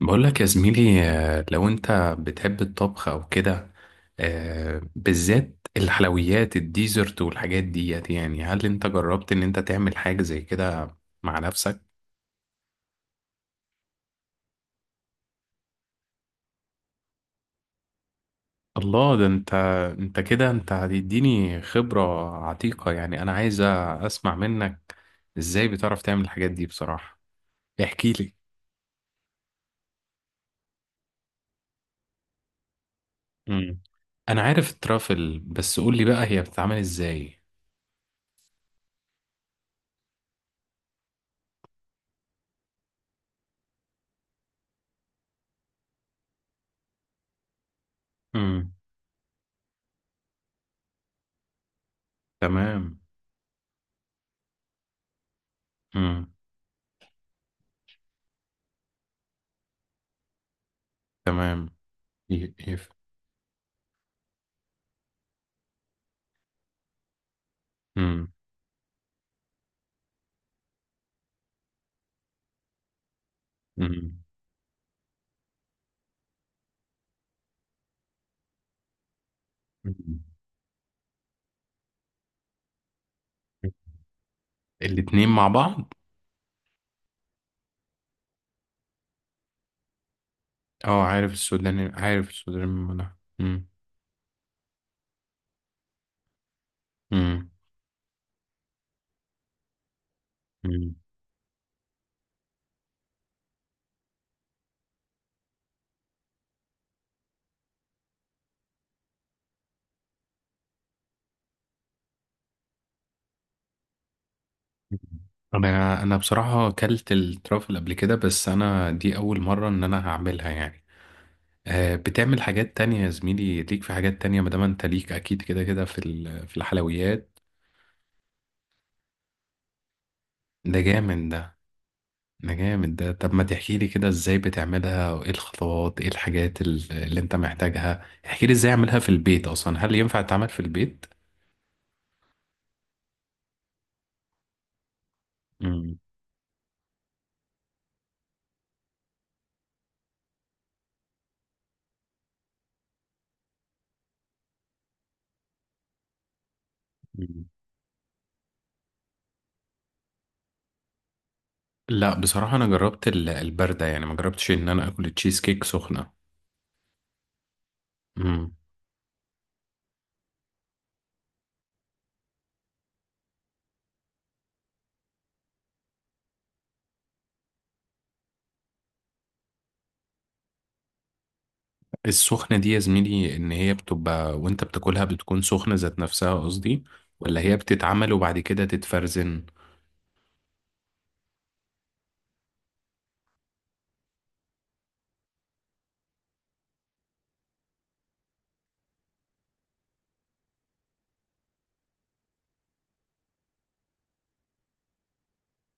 بقول لك يا زميلي، لو انت بتحب الطبخ او كده. بالذات الحلويات الديزرت والحاجات ديت، يعني هل انت جربت ان انت تعمل حاجة زي كده مع نفسك؟ الله، ده انت! انت كده، انت هتديني خبرة عتيقة، يعني انا عايز اسمع منك ازاي بتعرف تعمل الحاجات دي، بصراحة احكي لي. مم. انا عارف الترافل، بس قول لي بقى هي بتتعمل ازاي؟ امم. تمام. امم. تمام. ي- يف- مم. مم. مم. الاتنين مع بعض. اه، عارف السوداني، عارف السوداني من المنع. مم. مم. مم. طب، انا بصراحة اكلت الترافل قبل كده، بس انا دي اول مرة ان انا هعملها يعني. آه، بتعمل حاجات تانية يا زميلي؟ ليك في حاجات تانية، ما دام انت ليك اكيد، كده كده، في الحلويات ده جامد ده. ده جامد ده. طب ما تحكي لي كده ازاي بتعملها، وايه الخطوات، ايه الحاجات اللي انت محتاجها؟ احكي لي ازاي اعملها في البيت، اصلا هل ينفع تعمل في البيت؟ مم. لا، بصراحة أنا جربت الباردة، يعني ما جربتش إن أنا آكل التشيز كيك سخنة. مم. السخنة دي يا زميلي، إن هي بتبقى وأنت بتاكلها بتكون سخنة ذات نفسها قصدي، ولا هي بتتعمل وبعد كده تتفرزن؟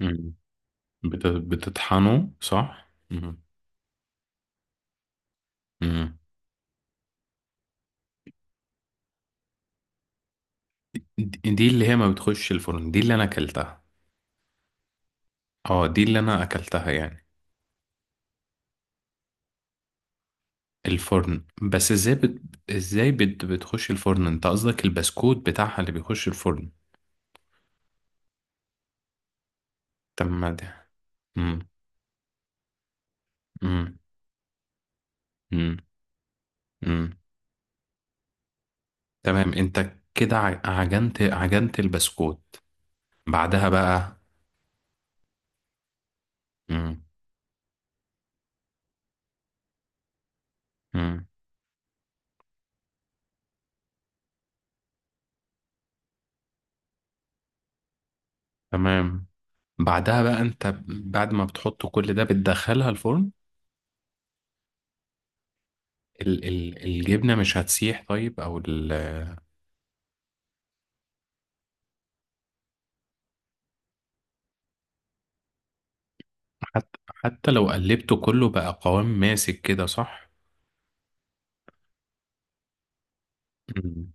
مم. بتطحنه صح؟ مم. مم. دي اللي هي ما بتخش الفرن، دي اللي أنا أكلتها. اه، دي اللي أنا أكلتها يعني. الفرن، بس ازاي بتخش الفرن، انت قصدك البسكوت بتاعها اللي بيخش الفرن؟ طب ما ده. مم. امم. امم. امم. تمام. انت كده عجنت البسكوت، بعدها بقى. امم. امم. تمام. بعدها بقى انت بعد ما بتحط كل ده بتدخلها الفرن. ال ال الجبنة مش هتسيح؟ طيب او ال حتى لو قلبته كله بقى قوام ماسك كده، صح؟ امم.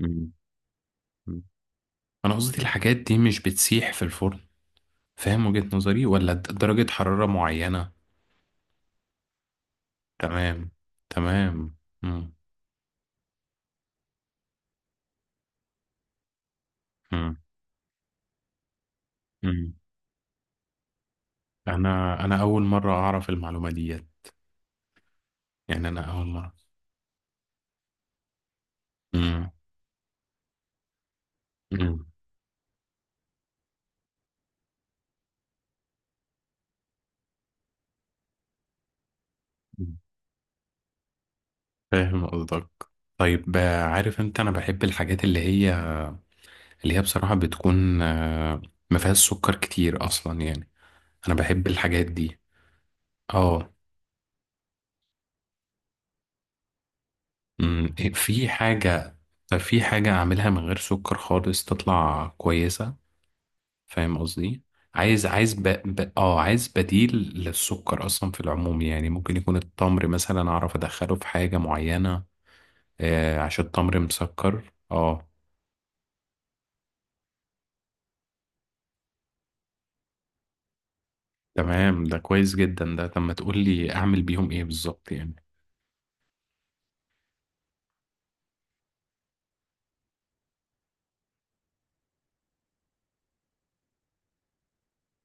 امم. امم. انا قصدي الحاجات دي مش بتسيح في الفرن؟ فاهم وجهة نظري؟ ولا درجة حرارة معينة؟ تمام. تمام. امم. امم. انا اول مره اعرف المعلومه ديت. يعني انا اول مره. امم. امم. أمم. فاهم قصدك. طيب، عارف انت انا بحب الحاجات اللي هي بصراحه بتكون، ما فيهاش سكر كتير اصلا يعني، انا بحب الحاجات دي. اه. أمم. في حاجه طب في حاجه اعملها من غير سكر خالص تطلع كويسه؟ فاهم قصدي؟ عايز عايز ب... ب... اه عايز بديل للسكر اصلا في العموم، يعني ممكن يكون التمر مثلا، اعرف ادخله في حاجه معينه؟ آه، عشان تمر مسكر، اه. تمام، ده كويس جدا ده. طب ما تقول لي اعمل بيهم ايه بالظبط يعني؟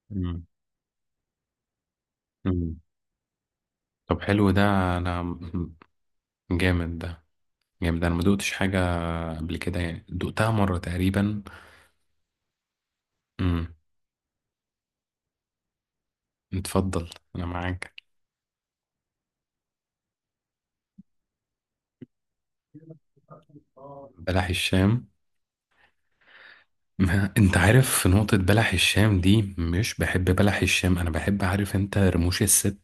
مم. مم. طب، حلو ده. مم. جامد ده. جامد ده، انا ما دقتش حاجة قبل كده يعني، دقتها مرة تقريبا. امم. اتفضل. انا معاك. بلح الشام؟ انت عارف، في نقطة، بلح الشام دي مش بحب بلح الشام، انا بحب، عارف انت، رموش الست.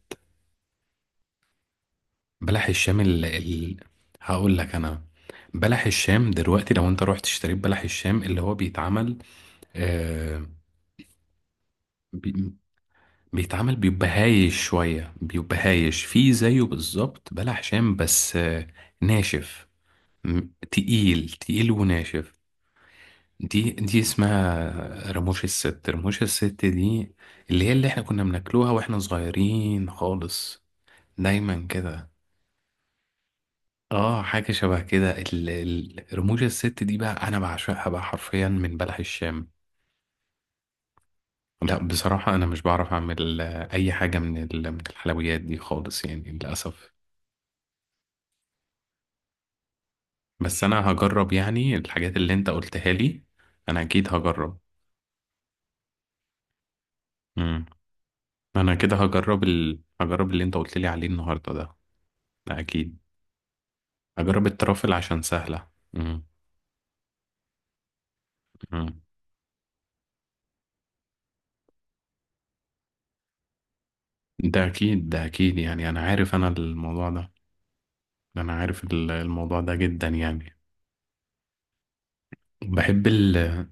بلح الشام هقول لك انا. بلح الشام دلوقتي، لو انت رحت اشتريت بلح الشام اللي هو بيتعمل آه... بي... بيتعمل بيبقى هايش شوية، بيبقى هايش فيه زيه بالظبط بلح شام، بس ناشف. م... تقيل تقيل وناشف. دي اسمها رموش الست، رموش الست دي اللي احنا كنا بناكلوها واحنا صغيرين خالص. دايما كده. اه، حاجة شبه كده، رموش الست دي بقى انا بعشقها بقى حرفيا من بلح الشام. لا، بصراحة انا مش بعرف اعمل اي حاجة من من الحلويات دي خالص يعني، للأسف. بس انا هجرب يعني الحاجات اللي انت قلتها لي. انا اكيد هجرب. امم. انا كده هجرب اللي انت قلت لي عليه النهاردة ده. ده اكيد. هجرب الترافل عشان سهلة. امم. امم. ده اكيد، ده اكيد يعني، انا عارف الموضوع ده. انا عارف الموضوع ده جدا يعني. بحب ال-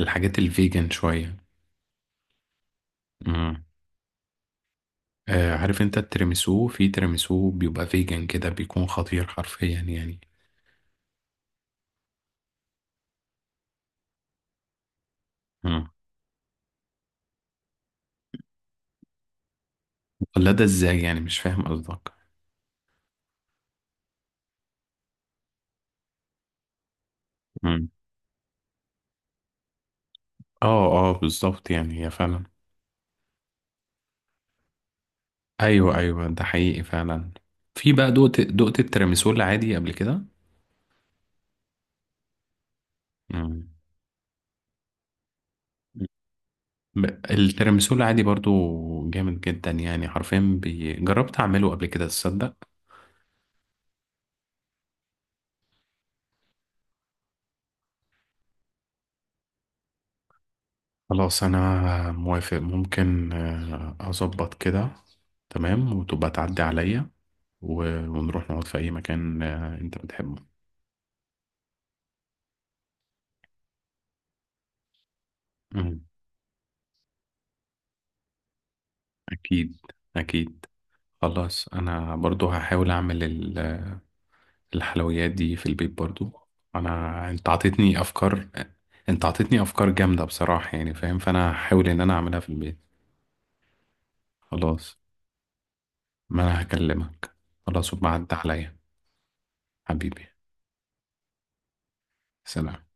الحاجات الفيجن شوية. مم. آه، عارف انت التيراميسو، في تيراميسو بيبقى فيجن كده بيكون خطير حرفيا يعني. مم. ولا ده ازاي، يعني مش فاهم قصدك. مم. اه اه، بالظبط، يعني هي فعلا. ايوه ايوه، ده حقيقي فعلا. في بقى، دقت التيراميسو العادي قبل كده؟ مم. التيراميسو العادي برضو جامد جدا يعني حرفيا، جربت اعمله قبل كده، تصدق؟ خلاص، انا موافق، ممكن اظبط كده. تمام، وتبقى تعدي عليا ونروح نقعد في اي مكان انت بتحبه. مم. اكيد. اكيد. خلاص، انا برضو هحاول اعمل الحلويات دي في البيت برضو. انت عطيتني افكار. انت عطيتني افكار جامدة بصراحة يعني، فاهم، فانا هحاول ان انا اعملها في البيت. خلاص، ما انا هكلمك. خلاص، وبعد عليا. حبيبي. سلام.